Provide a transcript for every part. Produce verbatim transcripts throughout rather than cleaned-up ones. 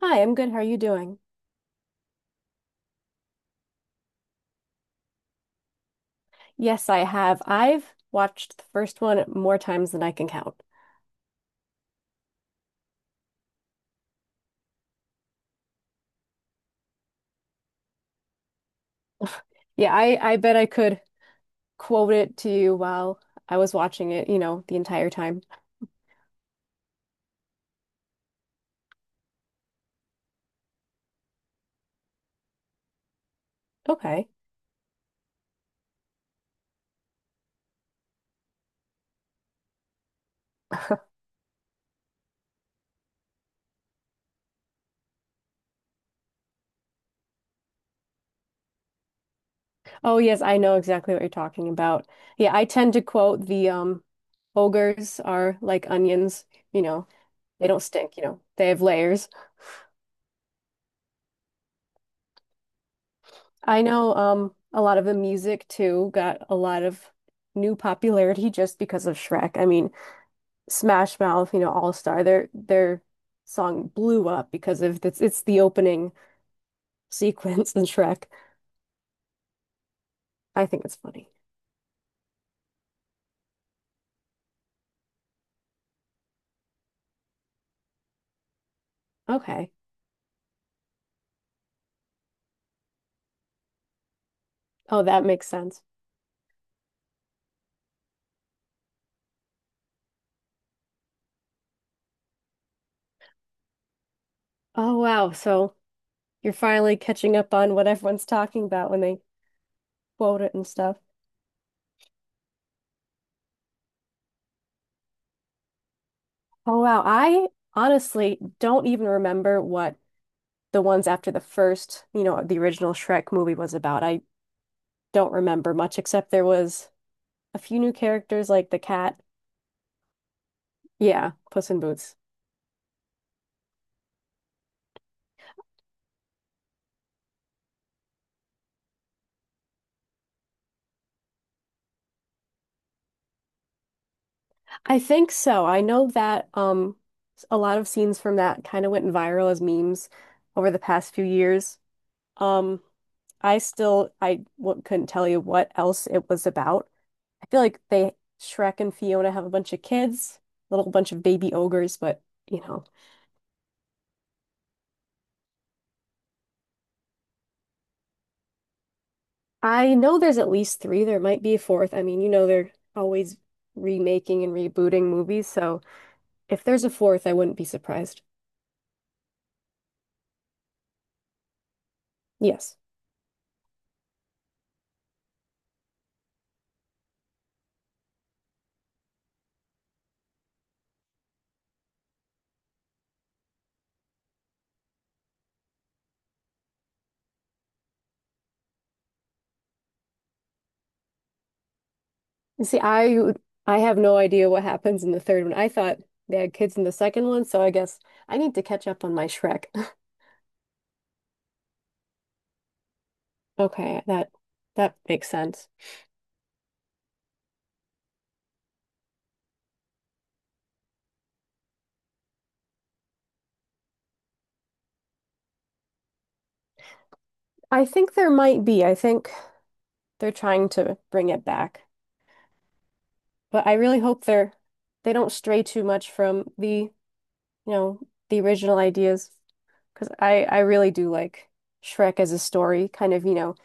Hi, I'm good. How are you doing? Yes, I have. I've watched the first one more times than I can count. Yeah, I, I bet I could quote it to you while I was watching it, you know, the entire time. Okay. Oh, yes, I know exactly what you're talking about. Yeah, I tend to quote the um ogres are like onions, you know, they don't stink, you know, they have layers. I know um a lot of the music too got a lot of new popularity just because of Shrek. I mean, Smash Mouth, you know, All Star, their their song blew up because of it's it's the opening sequence in Shrek. I think it's funny. Okay. Oh, that makes sense. Oh wow. So you're finally catching up on what everyone's talking about when they quote it and stuff. Oh wow. I honestly don't even remember what the ones after the first, you know, the original Shrek movie was about. I don't remember much except there was a few new characters like the cat. Yeah, Puss in Boots. I think so. I know that um a lot of scenes from that kind of went viral as memes over the past few years. Um I still I w couldn't tell you what else it was about. I feel like they Shrek and Fiona have a bunch of kids, little bunch of baby ogres, but you know. I know there's at least three. There might be a fourth. I mean, you know, they're always remaking and rebooting movies, so if there's a fourth, I wouldn't be surprised. Yes. You see, I I have no idea what happens in the third one. I thought they had kids in the second one, so I guess I need to catch up on my Shrek. Okay, that that makes sense. I think there might be. I think they're trying to bring it back. But I really hope they're they don't stray too much from the, you know, the original ideas because I I really do like Shrek as a story, kind of, you know,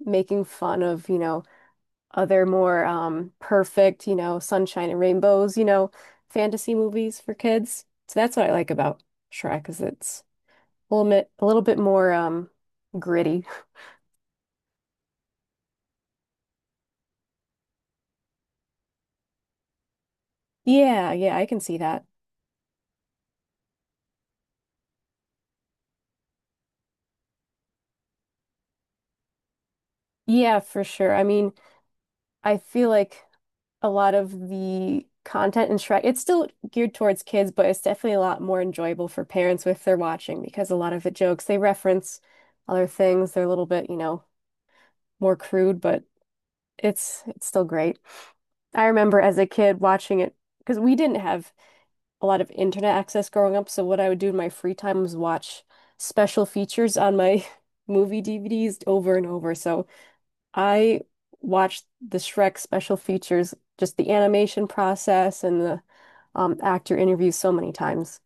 making fun of, you know, other more um, perfect, you know, sunshine and rainbows, you know, fantasy movies for kids. So that's what I like about Shrek is it's a little bit a little bit more um, gritty. Yeah, yeah, I can see that. Yeah, for sure. I mean, I feel like a lot of the content in Shrek, it's still geared towards kids, but it's definitely a lot more enjoyable for parents if they're watching because a lot of the jokes they reference other things. They're a little bit, you know, more crude, but it's it's still great. I remember as a kid watching it because we didn't have a lot of internet access growing up. So what I would do in my free time was watch special features on my movie D V Ds over and over. So I watched the Shrek special features, just the animation process and the um, actor interviews so many times.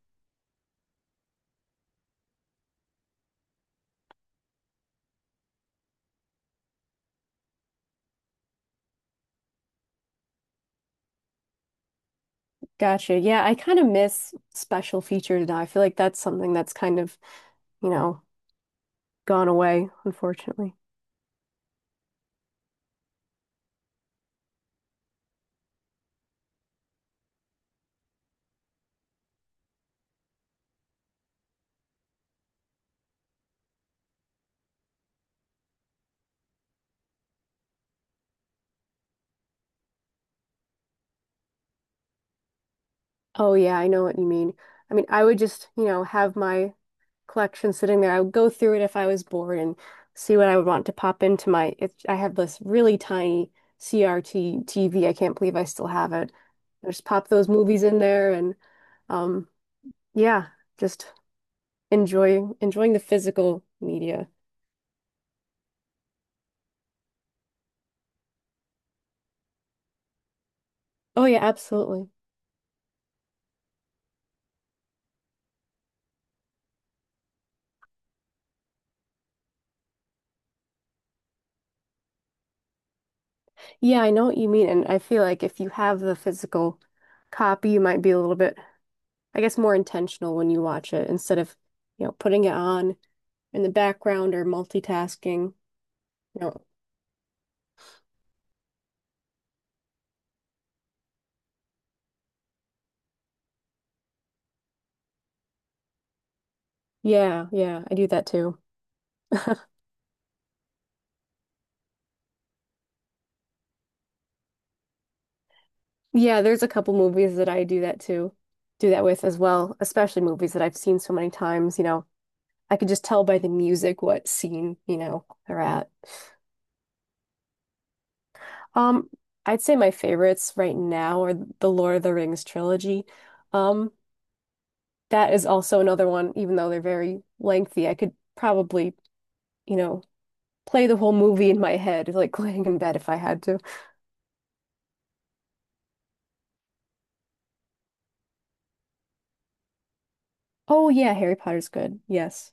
Gotcha. Yeah, I kind of miss special features now. I feel like that's something that's kind of, you know, gone away, unfortunately. Oh yeah, I know what you mean. I mean, I would just, you know, have my collection sitting there. I would go through it if I was bored and see what I would want to pop into my. It, I have this really tiny C R T T V. I can't believe I still have it. I just pop those movies in there and um yeah, just enjoying enjoying the physical media. Oh yeah, absolutely. Yeah, I know what you mean, and I feel like if you have the physical copy, you might be a little bit, I guess, more intentional when you watch it instead of, you know, putting it on in the background or multitasking. You know, yeah, yeah, I do that too. Yeah, there's a couple movies that I do that too, do that with as well, especially movies that I've seen so many times, you know. I could just tell by the music what scene, you know, they're at. Um, I'd say my favorites right now are the Lord of the Rings trilogy. Um, that is also another one, even though they're very lengthy, I could probably, you know, play the whole movie in my head, like laying in bed if I had to. Oh yeah, Harry Potter's good. Yes.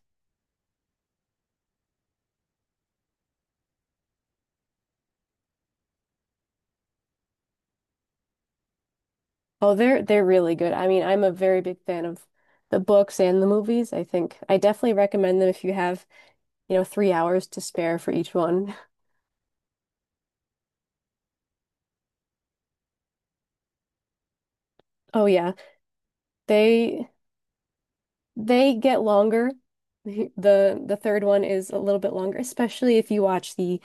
Oh, they're they're really good. I mean, I'm a very big fan of the books and the movies. I think I definitely recommend them if you have, you know, three hours to spare for each one. Oh yeah. They they get longer. The the the third one is a little bit longer, especially if you watch the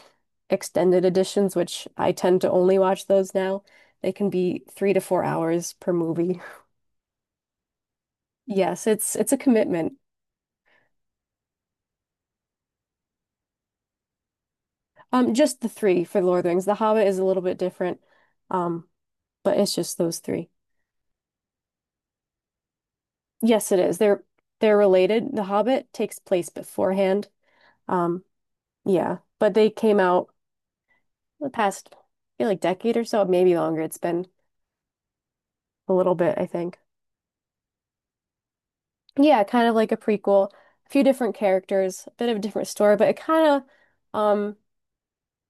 extended editions, which I tend to only watch those now. They can be three to four hours per movie. Yes, it's it's a commitment. Um, just the three for Lord of the Rings. The Hobbit is a little bit different. Um, but it's just those three. Yes, it is. They're they're related. The Hobbit takes place beforehand. Um, yeah, but they came out the past, I feel like decade or so, maybe longer. It's been a little bit, I think. Yeah, kind of like a prequel. A few different characters, a bit of a different story, but it kind of um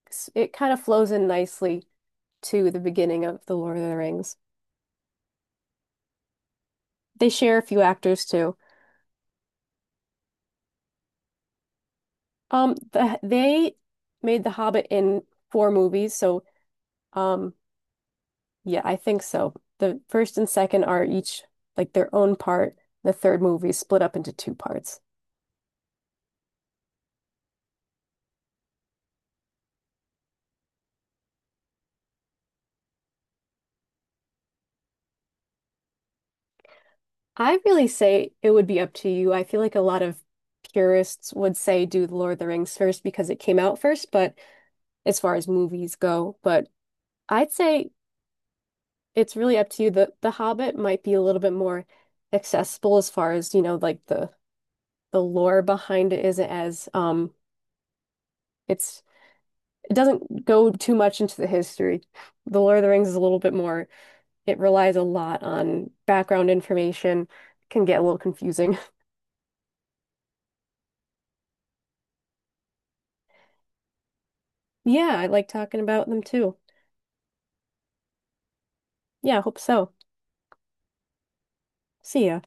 s- it kind of flows in nicely to the beginning of The Lord of the Rings. They share a few actors too. Um, the, they made The Hobbit in four movies, so um yeah, I think so. The first and second are each like their own part. The third movie is split up into two parts. I really say it would be up to you. I feel like a lot of purists would say do The Lord of the Rings first because it came out first, but as far as movies go, but I'd say it's really up to you. The The Hobbit might be a little bit more accessible as far as, you know, like the the lore behind it isn't as um it's it doesn't go too much into the history. The Lord of the Rings is a little bit more, it relies a lot on background information, can get a little confusing. Yeah, I like talking about them too. Yeah, I hope so. See ya.